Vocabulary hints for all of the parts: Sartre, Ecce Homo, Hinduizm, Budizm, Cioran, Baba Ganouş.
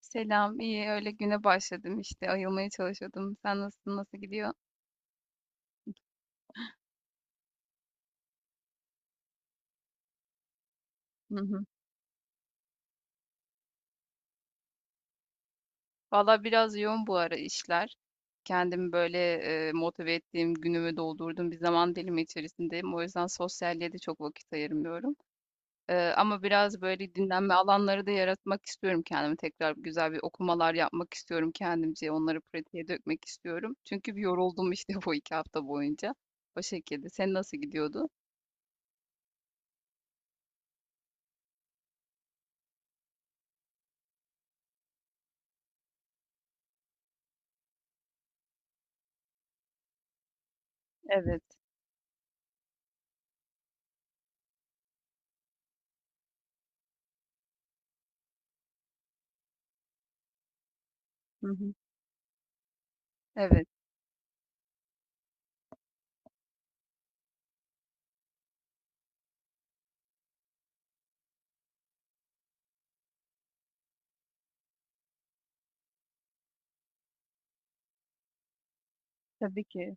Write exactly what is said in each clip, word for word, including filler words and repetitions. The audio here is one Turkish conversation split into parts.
Selam, iyi. Öyle güne başladım işte. Ayılmaya çalışıyordum. Sen nasılsın? Nasıl gidiyor? Hı hı. Valla biraz yoğun bu ara işler. Kendimi böyle e, motive ettiğim günümü doldurdum. Bir zaman dilimi içerisindeyim. O yüzden sosyalliğe de çok vakit ayırmıyorum. Eee, ama biraz böyle dinlenme alanları da yaratmak istiyorum kendime. Tekrar güzel bir okumalar yapmak istiyorum kendimce. Onları pratiğe dökmek istiyorum. Çünkü bir yoruldum işte bu iki hafta boyunca. O şekilde. Sen nasıl gidiyordu? Evet. Hı hı. Evet. Tabii ki.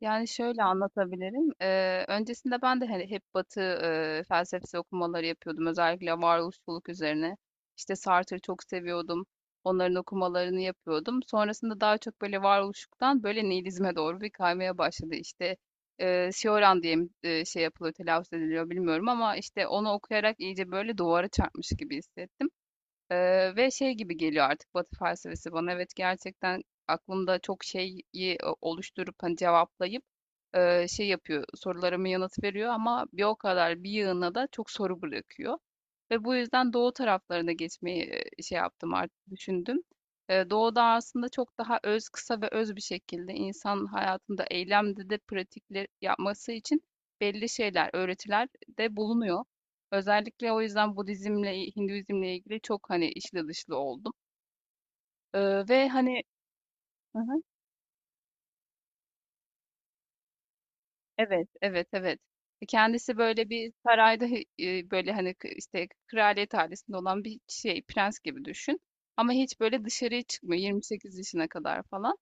Yani şöyle anlatabilirim. Eee, öncesinde ben de hani hep Batı eee, felsefesi okumaları yapıyordum. Özellikle varoluşçuluk üzerine. İşte Sartre'ı çok seviyordum. Onların okumalarını yapıyordum. Sonrasında daha çok böyle varoluşluktan böyle nihilizme doğru bir kaymaya başladı. İşte eee Cioran diye mi, eee, şey yapılıyor, telaffuz ediliyor bilmiyorum ama işte onu okuyarak iyice böyle duvara çarpmış gibi hissettim. Eee, ve şey gibi geliyor artık Batı felsefesi bana. Evet, gerçekten aklımda çok şeyi e, oluşturup hani cevaplayıp eee, şey yapıyor, sorularımı yanıt veriyor ama bir o kadar bir yığına da çok soru bırakıyor. Ve bu yüzden doğu taraflarına geçmeyi e, şey yaptım, artık düşündüm. E, doğuda aslında çok daha öz, kısa ve öz bir şekilde insan hayatında eylemde de pratikler yapması için belli şeyler, öğretiler de bulunuyor. Özellikle o yüzden Budizmle, Hinduizmle ilgili çok hani içli dışlı oldum. E, Ve hani evet, evet, evet. E, Kendisi böyle bir sarayda e, böyle hani k- işte kraliyet ailesinde olan bir şey, prens gibi düşün. Ama hiç böyle dışarıya çıkmıyor yirmi sekiz yaşına kadar falan.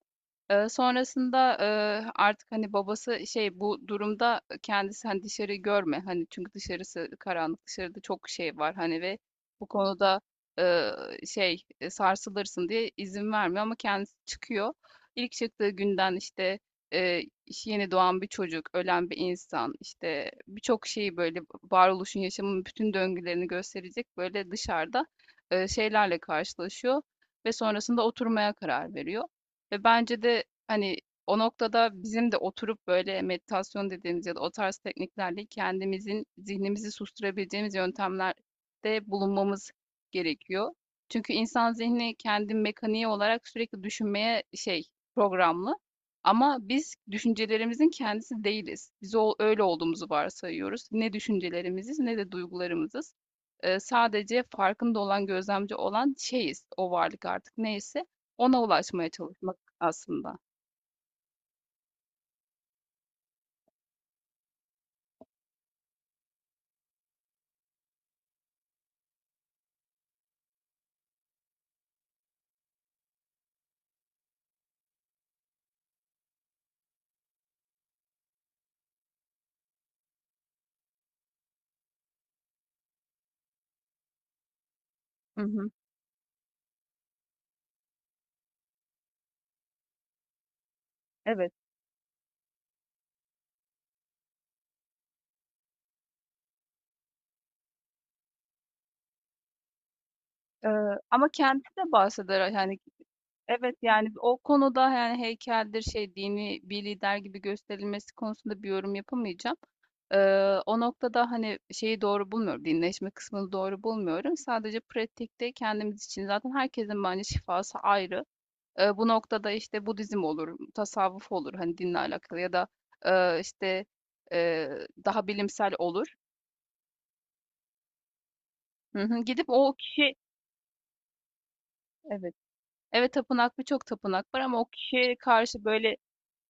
Eee, sonrasında, eee, artık, hani, babası şey bu durumda kendisi, hani, dışarı görme, hani, çünkü dışarısı karanlık, dışarıda çok şey var, hani, ve bu konuda, eee, şey, eee, sarsılırsın diye izin vermiyor ama kendisi çıkıyor. İlk çıktığı günden, işte, eee, işte, yeni doğan bir çocuk, ölen bir insan, işte, birçok şeyi, böyle, varoluşun, yaşamın bütün döngülerini gösterecek, böyle, dışarıda, eee, şeylerle karşılaşıyor ve sonrasında oturmaya karar veriyor. Ve bence de hani o noktada bizim de oturup böyle meditasyon dediğimiz ya da o tarz tekniklerle kendimizin zihnimizi susturabileceğimiz yöntemlerde bulunmamız gerekiyor. Çünkü insan zihni kendi mekaniği olarak sürekli düşünmeye şey programlı. Ama biz düşüncelerimizin kendisi değiliz. Biz o, öyle olduğumuzu varsayıyoruz. Ne düşüncelerimiziz ne de duygularımızız. Ee, sadece farkında olan, gözlemci olan şeyiz, o varlık artık neyse ona ulaşmaya çalışmak aslında. Hı hı. Evet. Eee, Ama kendisi de bahseder, yani. Evet, yani o konuda, yani heykeldir şey, dini bir lider gibi gösterilmesi konusunda bir yorum yapamayacağım. Ee, O noktada hani şeyi doğru bulmuyorum. Dinleşme kısmını doğru bulmuyorum. Sadece pratikte kendimiz için zaten herkesin bence şifası ayrı. Ee, bu noktada işte Budizm olur, tasavvuf olur, hani dinle alakalı ya da e, işte e, daha bilimsel olur. Hı hı. Gidip o kişi evet. Evet, tapınak, birçok tapınak var ama o kişiye karşı böyle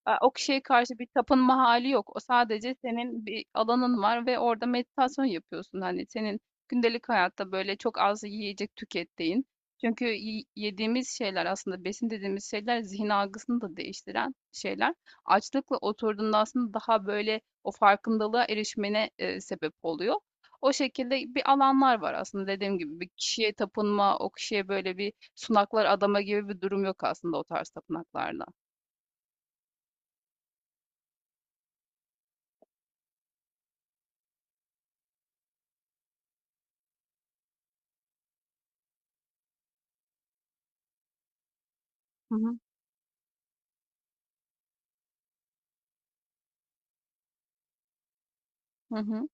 e, o kişiye karşı bir tapınma hali yok. O sadece senin bir alanın var ve orada meditasyon yapıyorsun. Hani senin gündelik hayatta böyle çok az yiyecek tükettiğin. Çünkü y- yediğimiz şeyler, aslında besin dediğimiz şeyler zihin algısını da değiştiren şeyler. Açlıkla oturduğunda aslında daha böyle o farkındalığa erişmene e, sebep oluyor. O şekilde bir alanlar var, aslında dediğim gibi bir kişiye tapınma, o kişiye böyle bir sunaklar adama gibi bir durum yok aslında o tarz tapınaklarda. Hı hı. Hı hı.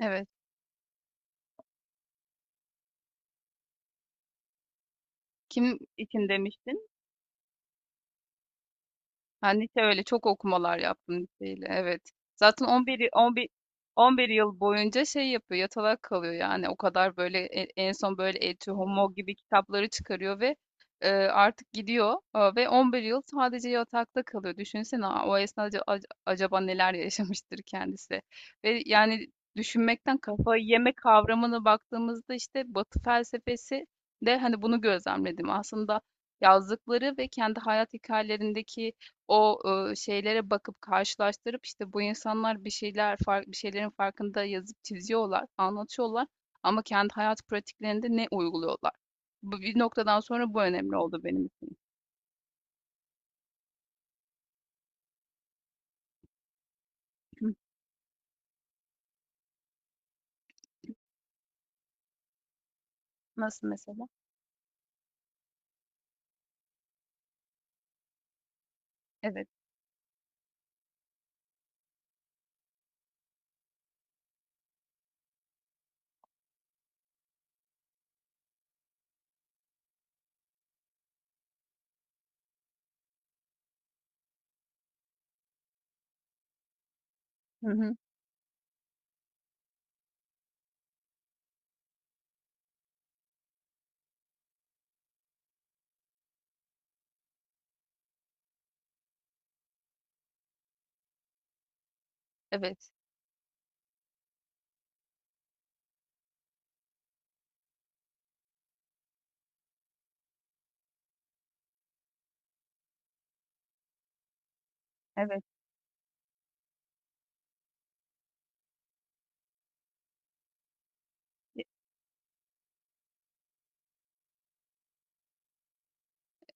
Evet. Kim için demiştin? Ben lise öyle çok okumalar yaptım liseyle. Evet. Zaten on bir y- on bir on bir yıl boyunca şey yapıyor, yatalak kalıyor yani. O kadar böyle e- en son böyle Etü Homo gibi kitapları çıkarıyor ve e, artık gidiyor, E, ve on bir yıl sadece yatakta kalıyor. Düşünsene o esnada ac- acaba neler yaşamıştır kendisi. Ve yani düşünmekten kafayı yeme kavramına baktığımızda işte Batı felsefesi de hani bunu gözlemledim. Aslında yazdıkları ve kendi hayat hikayelerindeki o ııı, şeylere bakıp karşılaştırıp, işte, bu insanlar bir şeyler fark, bir şeylerin farkında yazıp çiziyorlar, anlatıyorlar ama kendi hayat pratiklerinde ne uyguluyorlar? Bu bir noktadan sonra bu önemli oldu benim için. Hı. Nasıl mesela? Evet. Hı hı. Evet. Evet.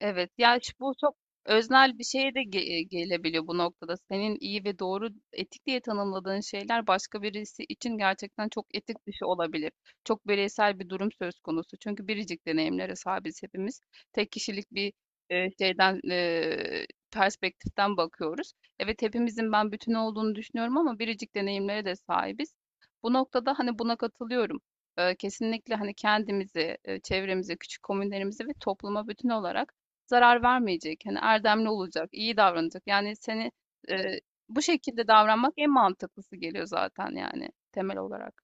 Evet, ya şu- bu çok öznel bir şeye de ge- e, gelebiliyor bu noktada. Senin iyi ve doğru, etik diye tanımladığın şeyler başka birisi için gerçekten çok etik dışı olabilir. Çok bireysel bir durum söz konusu. Çünkü biricik deneyimlere sahibiz hepimiz. Tek kişilik bir e, şeyden e, perspektiften bakıyoruz. Evet, hepimizin ben bütün olduğunu düşünüyorum ama biricik deneyimlere de sahibiz. Bu noktada hani buna katılıyorum. E, kesinlikle hani kendimizi, e, çevremizi, küçük komünlerimizi ve topluma bütün olarak zarar vermeyecek, hani erdemli olacak, iyi davranacak. Yani seni eee, bu şekilde davranmak en mantıklısı geliyor zaten yani temel olarak.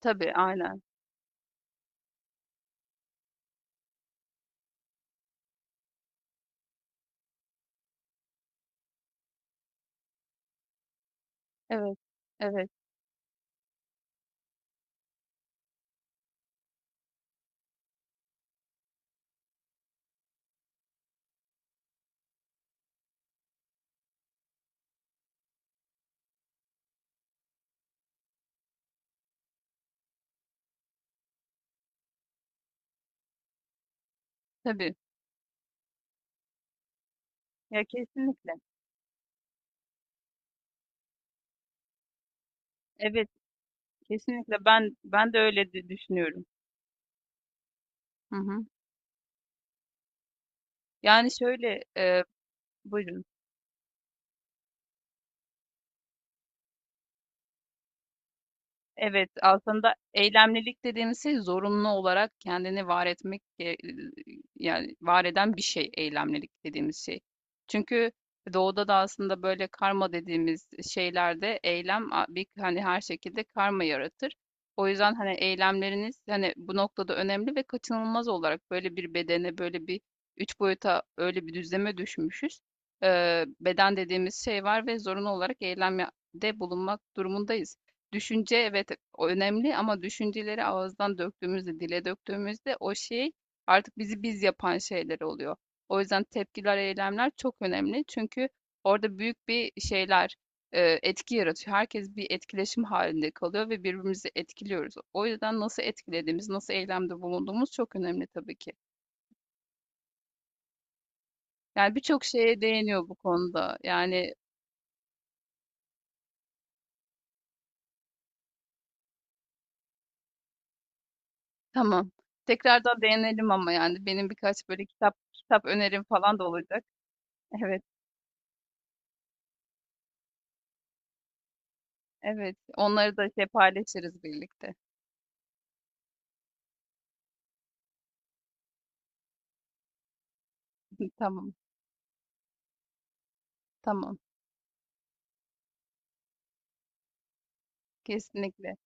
Tabii, aynen. Evet, evet, tabii. Ya, kesinlikle. Evet, kesinlikle ben ben de öyle dü- düşünüyorum. Hı hı. Yani şöyle, eee buyurun. Evet, aslında eylemlilik dediğimiz şey zorunlu olarak kendini var etmek e, yani var eden bir şey eylemlilik dediğimiz şey. Çünkü doğuda da aslında böyle karma dediğimiz şeylerde eylem a- bir hani her şekilde karma yaratır. O yüzden hani eylemleriniz hani bu noktada önemli ve kaçınılmaz olarak böyle bir bedene, böyle bir üç boyuta, öyle bir düzleme düşmüşüz. Ee, beden dediğimiz şey var ve zorunlu olarak eylemde bulunmak durumundayız. Düşünce, evet, önemli ama düşünceleri ağızdan döktüğümüzde, dile döktüğümüzde o şey artık bizi biz yapan şeyler oluyor. O yüzden tepkiler, eylemler çok önemli. Çünkü orada büyük bir şeyler e, etki yaratıyor. Herkes bir etkileşim halinde kalıyor ve birbirimizi etkiliyoruz. O yüzden nasıl etkilediğimiz, nasıl eylemde bulunduğumuz çok önemli tabii ki. Yani birçok şeye değiniyor bu konuda. Yani, tamam. Tekrardan değinelim ama yani benim birkaç böyle kitap kitap önerim falan da olacak. Evet. Evet, onları da şey paylaşırız birlikte. Tamam, tamam. Kesinlikle.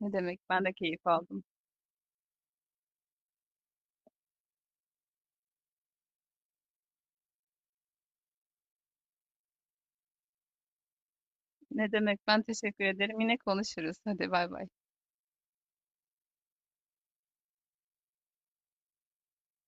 Ne demek? Ben de keyif aldım. Ne demek? Ben teşekkür ederim. Yine konuşuruz. Hadi, bay bay.